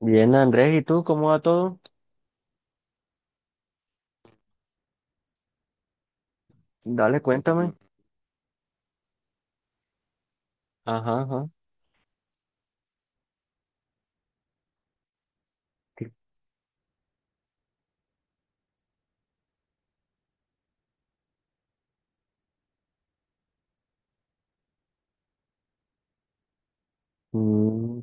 Bien, Andrés, ¿y tú cómo va todo? Dale, cuéntame. Ajá, ajá. Mm,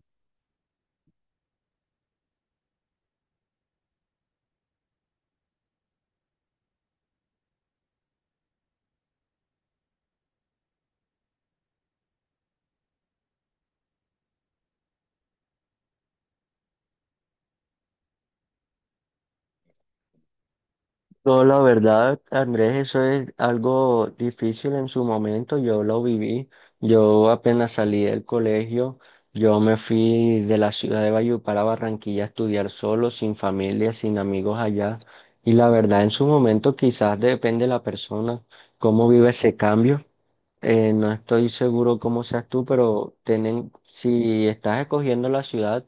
yo, la verdad, Andrés, eso es algo difícil en su momento. Yo lo viví. Yo apenas salí del colegio, yo me fui de la ciudad de Valledupar a Barranquilla a estudiar solo, sin familia, sin amigos allá. Y la verdad, en su momento, quizás depende de la persona, cómo vive ese cambio. No estoy seguro cómo seas tú, pero tienen, si estás escogiendo la ciudad,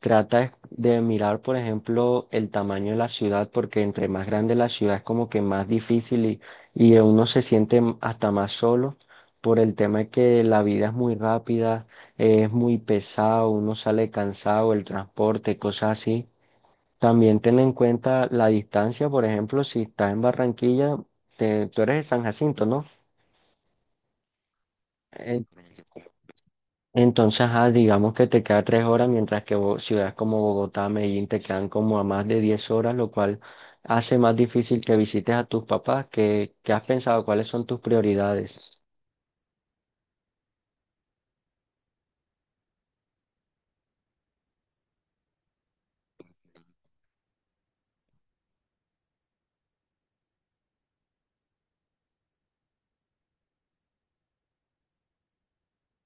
trata de mirar, por ejemplo, el tamaño de la ciudad, porque entre más grande la ciudad es como que más difícil y uno se siente hasta más solo por el tema de que la vida es muy rápida, es muy pesado, uno sale cansado, el transporte, cosas así. También ten en cuenta la distancia, por ejemplo, si estás en Barranquilla, tú eres de San Jacinto, ¿no? Eh, Entonces, ajá, digamos que te queda 3 horas, mientras que ciudades como Bogotá, Medellín te quedan como a más de 10 horas, lo cual hace más difícil que visites a tus papás. ¿Qué, qué has pensado? ¿Cuáles son tus prioridades?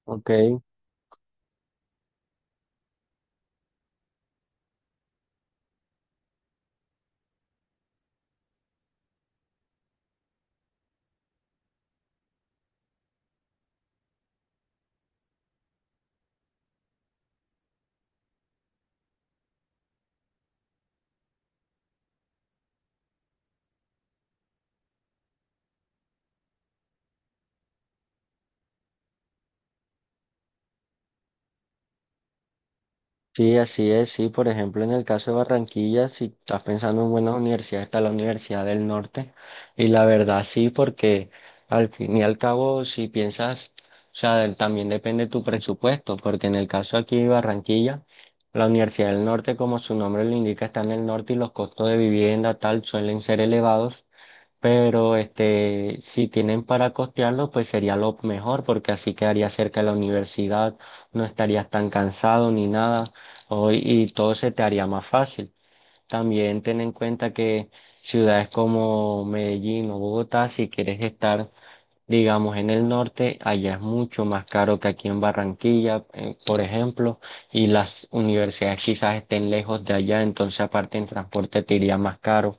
Ok. Sí, así es, sí, por ejemplo, en el caso de Barranquilla, si estás pensando en buenas universidades, está la Universidad del Norte, y la verdad sí, porque al fin y al cabo, si piensas, o sea, también depende tu presupuesto, porque en el caso aquí de Barranquilla, la Universidad del Norte, como su nombre lo indica, está en el norte y los costos de vivienda, tal, suelen ser elevados, pero este, si tienen para costearlo, pues sería lo mejor, porque así quedaría cerca de la universidad, no estarías tan cansado ni nada, y todo se te haría más fácil. También ten en cuenta que ciudades como Medellín o Bogotá, si quieres estar, digamos, en el norte, allá es mucho más caro que aquí en Barranquilla, por ejemplo, y las universidades quizás estén lejos de allá, entonces aparte en transporte te iría más caro.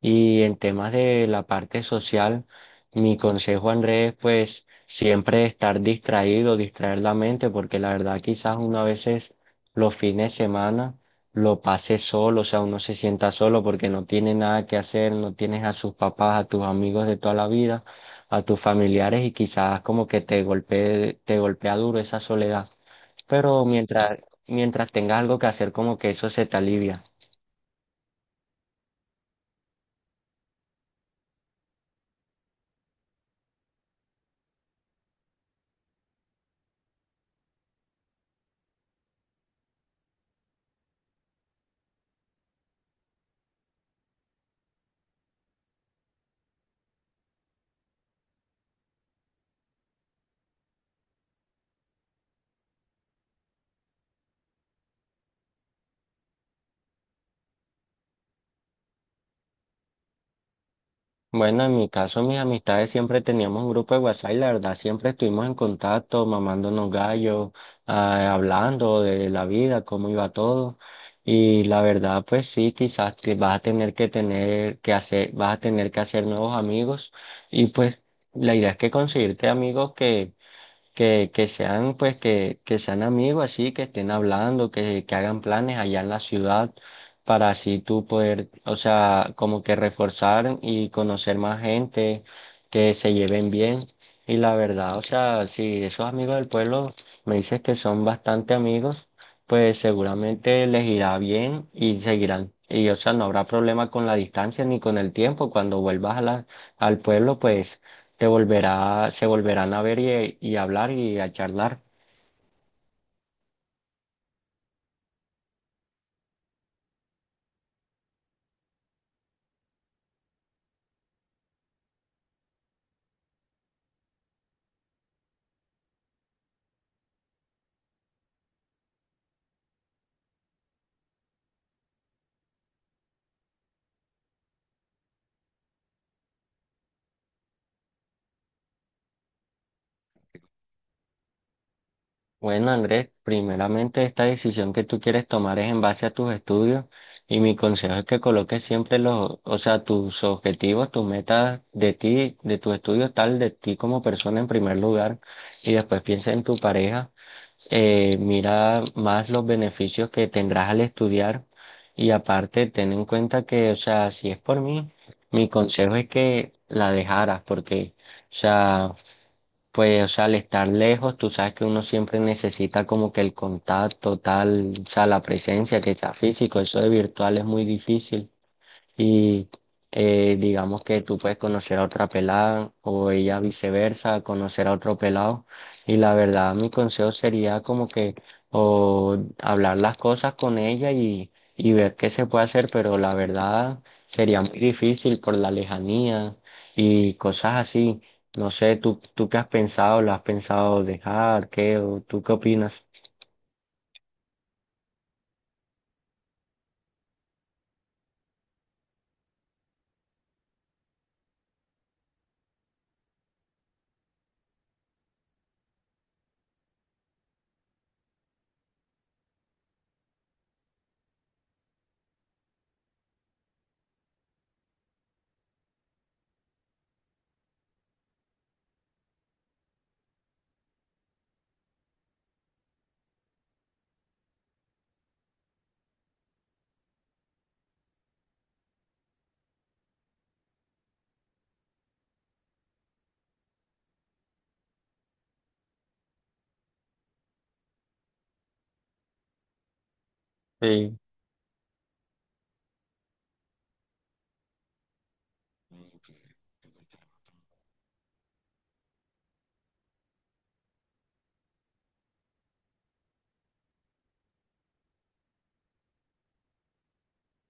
Y en temas de la parte social, mi consejo, Andrés, pues siempre estar distraído, distraer la mente, porque la verdad quizás uno a veces los fines de semana lo pase solo, o sea, uno se sienta solo porque no tiene nada que hacer, no tienes a sus papás, a tus amigos de toda la vida, a tus familiares y quizás como que te golpee, te golpea duro esa soledad. Pero mientras tengas algo que hacer, como que eso se te alivia. Bueno, en mi caso, mis amistades siempre teníamos un grupo de WhatsApp y la verdad siempre estuvimos en contacto, mamándonos gallos, ah, hablando de la vida, cómo iba todo. Y la verdad, pues sí, quizás te vas a tener que hacer, vas a tener que hacer nuevos amigos. Y pues la idea es que conseguirte amigos que sean, pues, que sean amigos así, que estén hablando, que hagan planes allá en la ciudad para así tú poder, o sea, como que reforzar y conocer más gente, que se lleven bien. Y la verdad, o sea, si esos amigos del pueblo me dices que son bastante amigos, pues seguramente les irá bien y seguirán. Y, o sea, no habrá problema con la distancia ni con el tiempo. Cuando vuelvas a la, al pueblo, pues se volverá, se volverán a ver y hablar y a charlar. Bueno, Andrés, primeramente esta decisión que tú quieres tomar es en base a tus estudios y mi consejo es que coloques siempre los, o sea, tus objetivos, tus metas de ti, de tus estudios, tal de ti como persona en primer lugar y después piensa en tu pareja. Mira más los beneficios que tendrás al estudiar y aparte ten en cuenta que, o sea, si es por mí, mi consejo es que la dejaras porque, o sea, pues, o sea, al estar lejos, tú sabes que uno siempre necesita como que el contacto tal, o sea, la presencia que sea físico, eso de virtual es muy difícil. Y digamos que tú puedes conocer a otra pelada o ella viceversa, conocer a otro pelado. Y la verdad, mi consejo sería como que o hablar las cosas con ella y ver qué se puede hacer, pero la verdad sería muy difícil por la lejanía y cosas así. No sé, ¿tú qué has pensado? ¿Lo has pensado dejar? ¿Qué? ¿O tú qué opinas? Sí.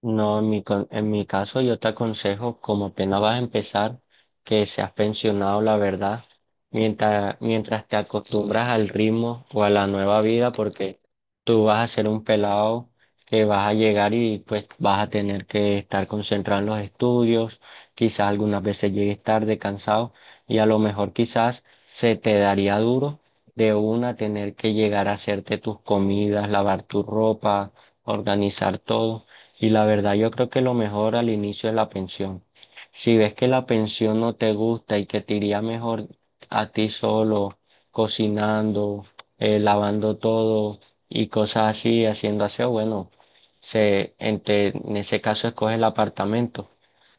No, en mi caso yo te aconsejo, como apenas vas a empezar, que seas pensionado, la verdad, mientras te acostumbras al ritmo o a la nueva vida, porque tú vas a ser un pelado que vas a llegar y pues vas a tener que estar concentrado en los estudios, quizás algunas veces llegues tarde, cansado, y a lo mejor quizás se te daría duro de una tener que llegar a hacerte tus comidas, lavar tu ropa, organizar todo. Y la verdad, yo creo que lo mejor al inicio es la pensión. Si ves que la pensión no te gusta y que te iría mejor a ti solo, cocinando, lavando todo y cosas así, haciendo aseo, bueno, en ese caso escoge el apartamento.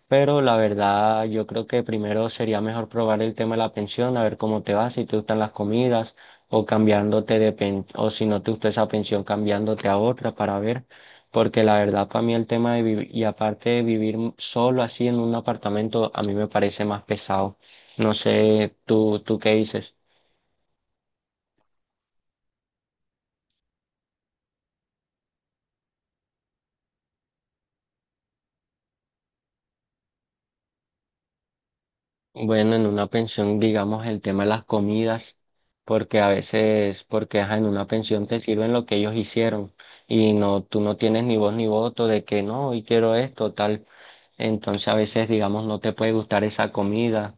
Pero la verdad, yo creo que primero sería mejor probar el tema de la pensión, a ver cómo te va, si te gustan las comidas, o si no te gusta esa pensión, cambiándote a otra para ver. Porque la verdad, para mí el tema de vivir, y aparte de vivir solo así en un apartamento, a mí me parece más pesado. No sé, tú qué dices. Bueno, en una pensión, digamos, el tema de las comidas, porque a veces, porque ajá, en una pensión te sirven lo que ellos hicieron y no, tú no tienes ni voz ni voto de que no, hoy quiero esto, tal. Entonces a veces, digamos, no te puede gustar esa comida.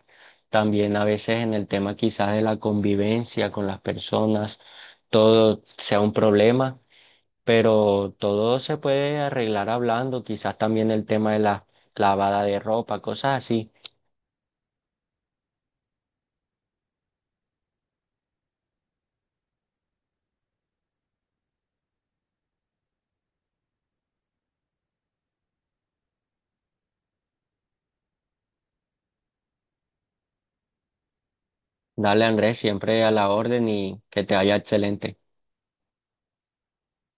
También a veces en el tema quizás de la convivencia con las personas, todo sea un problema, pero todo se puede arreglar hablando, quizás también el tema de la lavada de ropa, cosas así. Dale, Andrés, siempre a la orden y que te vaya excelente.